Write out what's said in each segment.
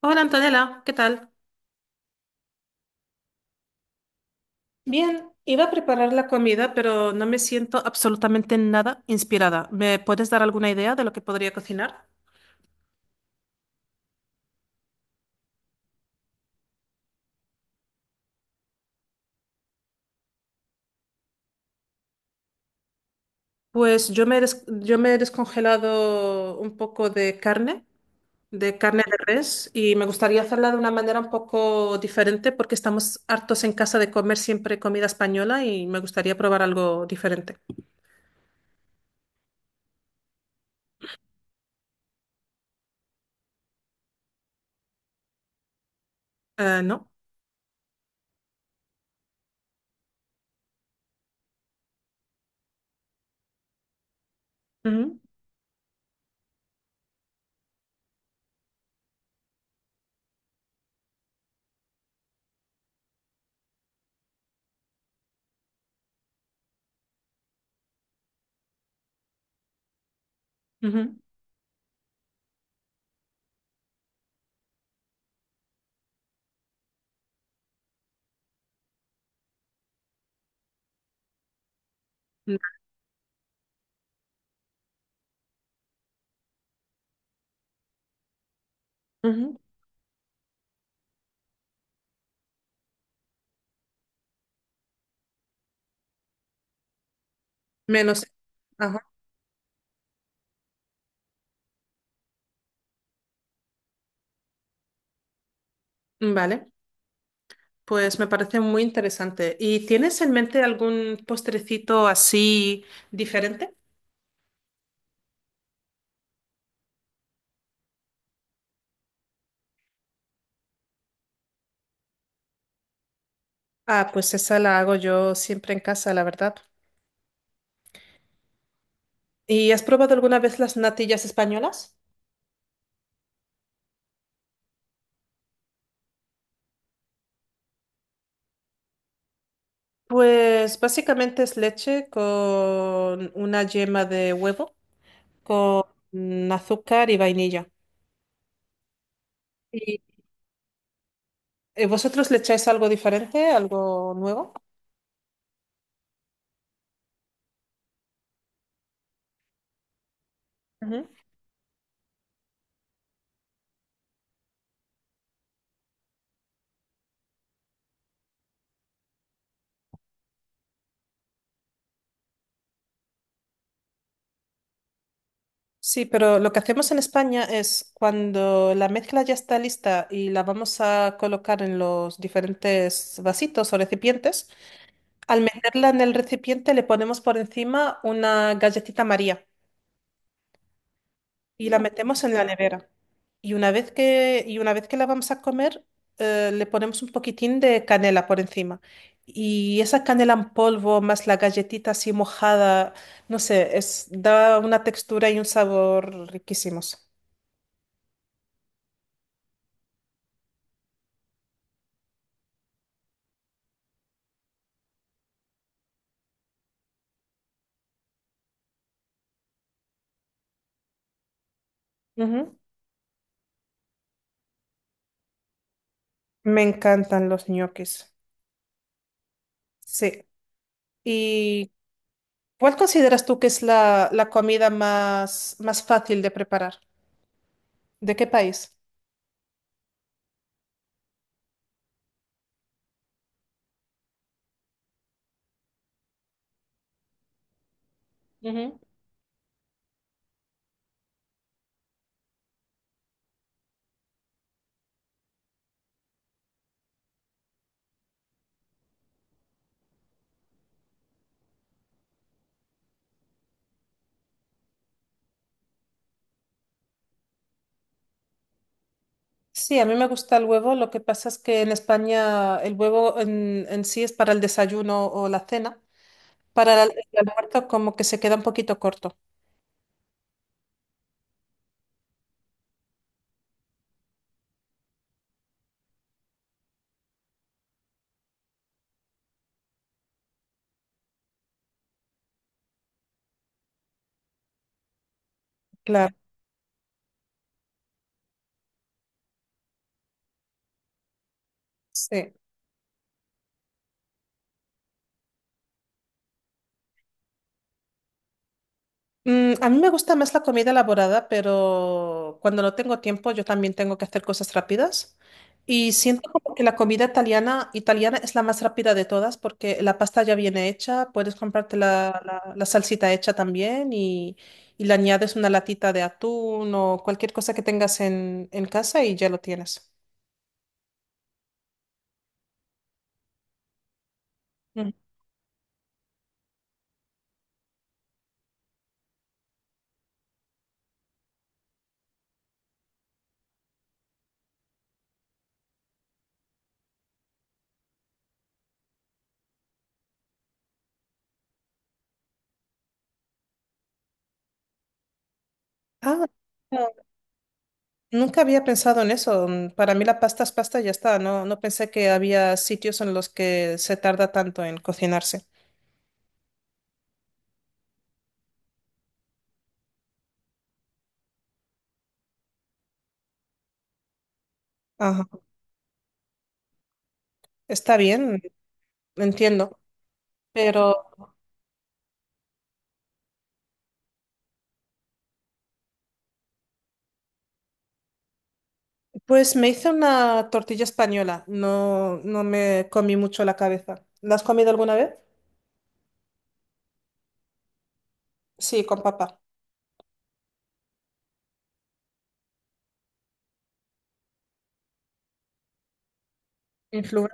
Hola Antonella, ¿qué tal? Bien, iba a preparar la comida, pero no me siento absolutamente nada inspirada. ¿Me puedes dar alguna idea de lo que podría cocinar? Pues yo me he descongelado un poco de carne, de carne de res, y me gustaría hacerla de una manera un poco diferente porque estamos hartos en casa de comer siempre comida española y me gustaría probar algo diferente. ¿No? Ujú, ujú, ujú. Menos. Ajá, vale. Pues me parece muy interesante. ¿Y tienes en mente algún postrecito así diferente? Ah, pues esa la hago yo siempre en casa, la verdad. ¿Y has probado alguna vez las natillas españolas? Pues básicamente es leche con una yema de huevo, con azúcar y vainilla. ¿Y vosotros le echáis algo diferente, algo nuevo? Sí, pero lo que hacemos en España es cuando la mezcla ya está lista y la vamos a colocar en los diferentes vasitos o recipientes, al meterla en el recipiente le ponemos por encima una galletita María y la metemos en la nevera. Y una vez que la vamos a comer, le ponemos un poquitín de canela por encima. Y esa canela en polvo más la galletita así mojada, no sé, es, da una textura y un sabor riquísimos. Ujú. Me encantan los ñoquis. Sí. ¿Y cuál consideras tú que es la comida más fácil de preparar? ¿De qué país? Ujú. Sí, a mí me gusta el huevo. Lo que pasa es que en España el huevo en sí es para el desayuno o la cena. Para el almuerzo como que se queda un poquito corto. Claro. Sí. Mm, a mí me gusta más la comida elaborada, pero cuando no tengo tiempo yo también tengo que hacer cosas rápidas. Y siento como que la comida italiana es la más rápida de todas porque la pasta ya viene hecha, puedes comprarte la salsita hecha también y le añades una latita de atún o cualquier cosa que tengas en casa y ya lo tienes. Mm. Ah, no, nunca había pensado en eso. Mm, para mí la pasta es pasta y ya está. No, no pensé que había sitios en los que se tarda tanto en cocinarse. Ajá, está bien, entiendo. Pero pues me hice una tortilla española, no, no me comí mucho la cabeza. ¿La has comido alguna vez? Sí, con papa. Influ-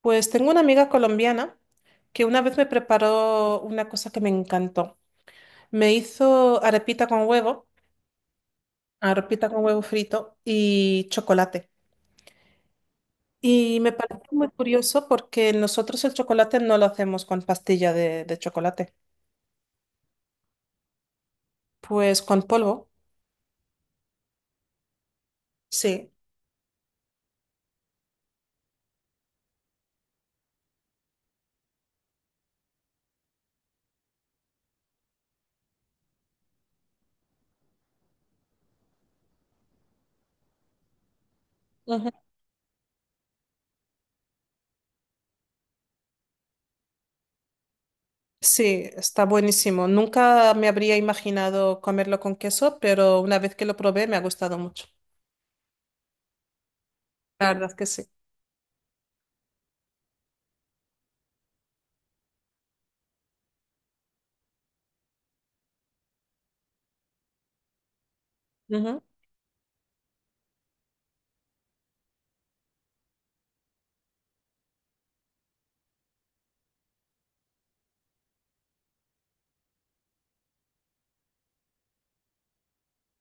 Pues tengo una amiga colombiana que una vez me preparó una cosa que me encantó. Me hizo arepita con huevo frito y chocolate. Y me parece muy curioso porque nosotros el chocolate no lo hacemos con pastilla de chocolate, pues con polvo, sí. Sí, está buenísimo. Nunca me habría imaginado comerlo con queso, pero una vez que lo probé me ha gustado mucho. La verdad que sí. Ujú.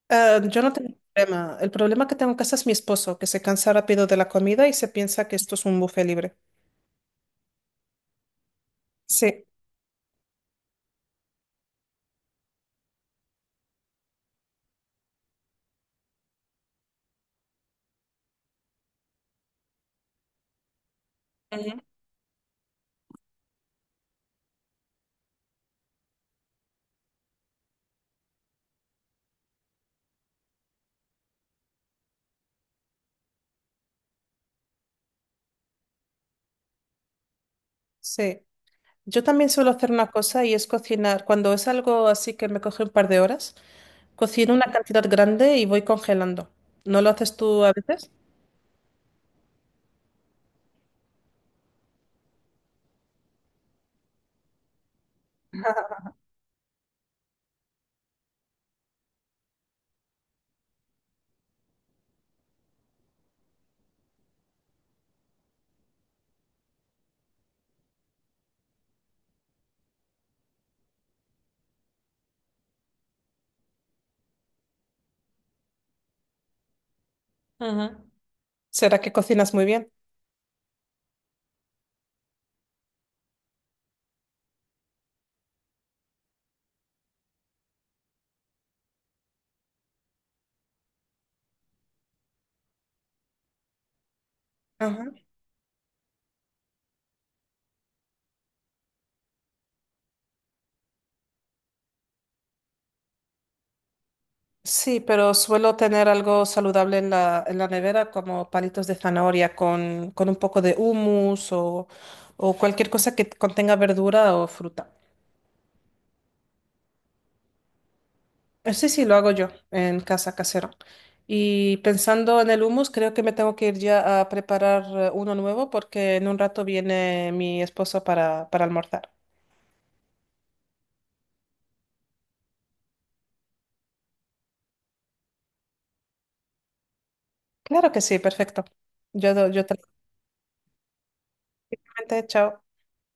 Ah, yo no tengo problema. El problema que tengo en casa es mi esposo, que se cansa rápido de la comida y se piensa que esto es un buffet libre. Sí. Ujú. Sí. Yo también suelo hacer una cosa y es cocinar. Cuando es algo así que me coge un par de horas, cocino una cantidad grande y voy congelando. ¿No lo haces tú a veces? Ujú. ¿Será que cocinas muy bien? Ajá. Sí, pero suelo tener algo saludable en en la nevera, como palitos de zanahoria con un poco de hummus o cualquier cosa que contenga verdura o fruta. Sí, sí, lo hago yo en casa casera. Y pensando en el hummus, creo que me tengo que ir ya a preparar uno nuevo porque en un rato viene mi esposo para almorzar. Claro que sí, perfecto. Yo te lo comenté, chao.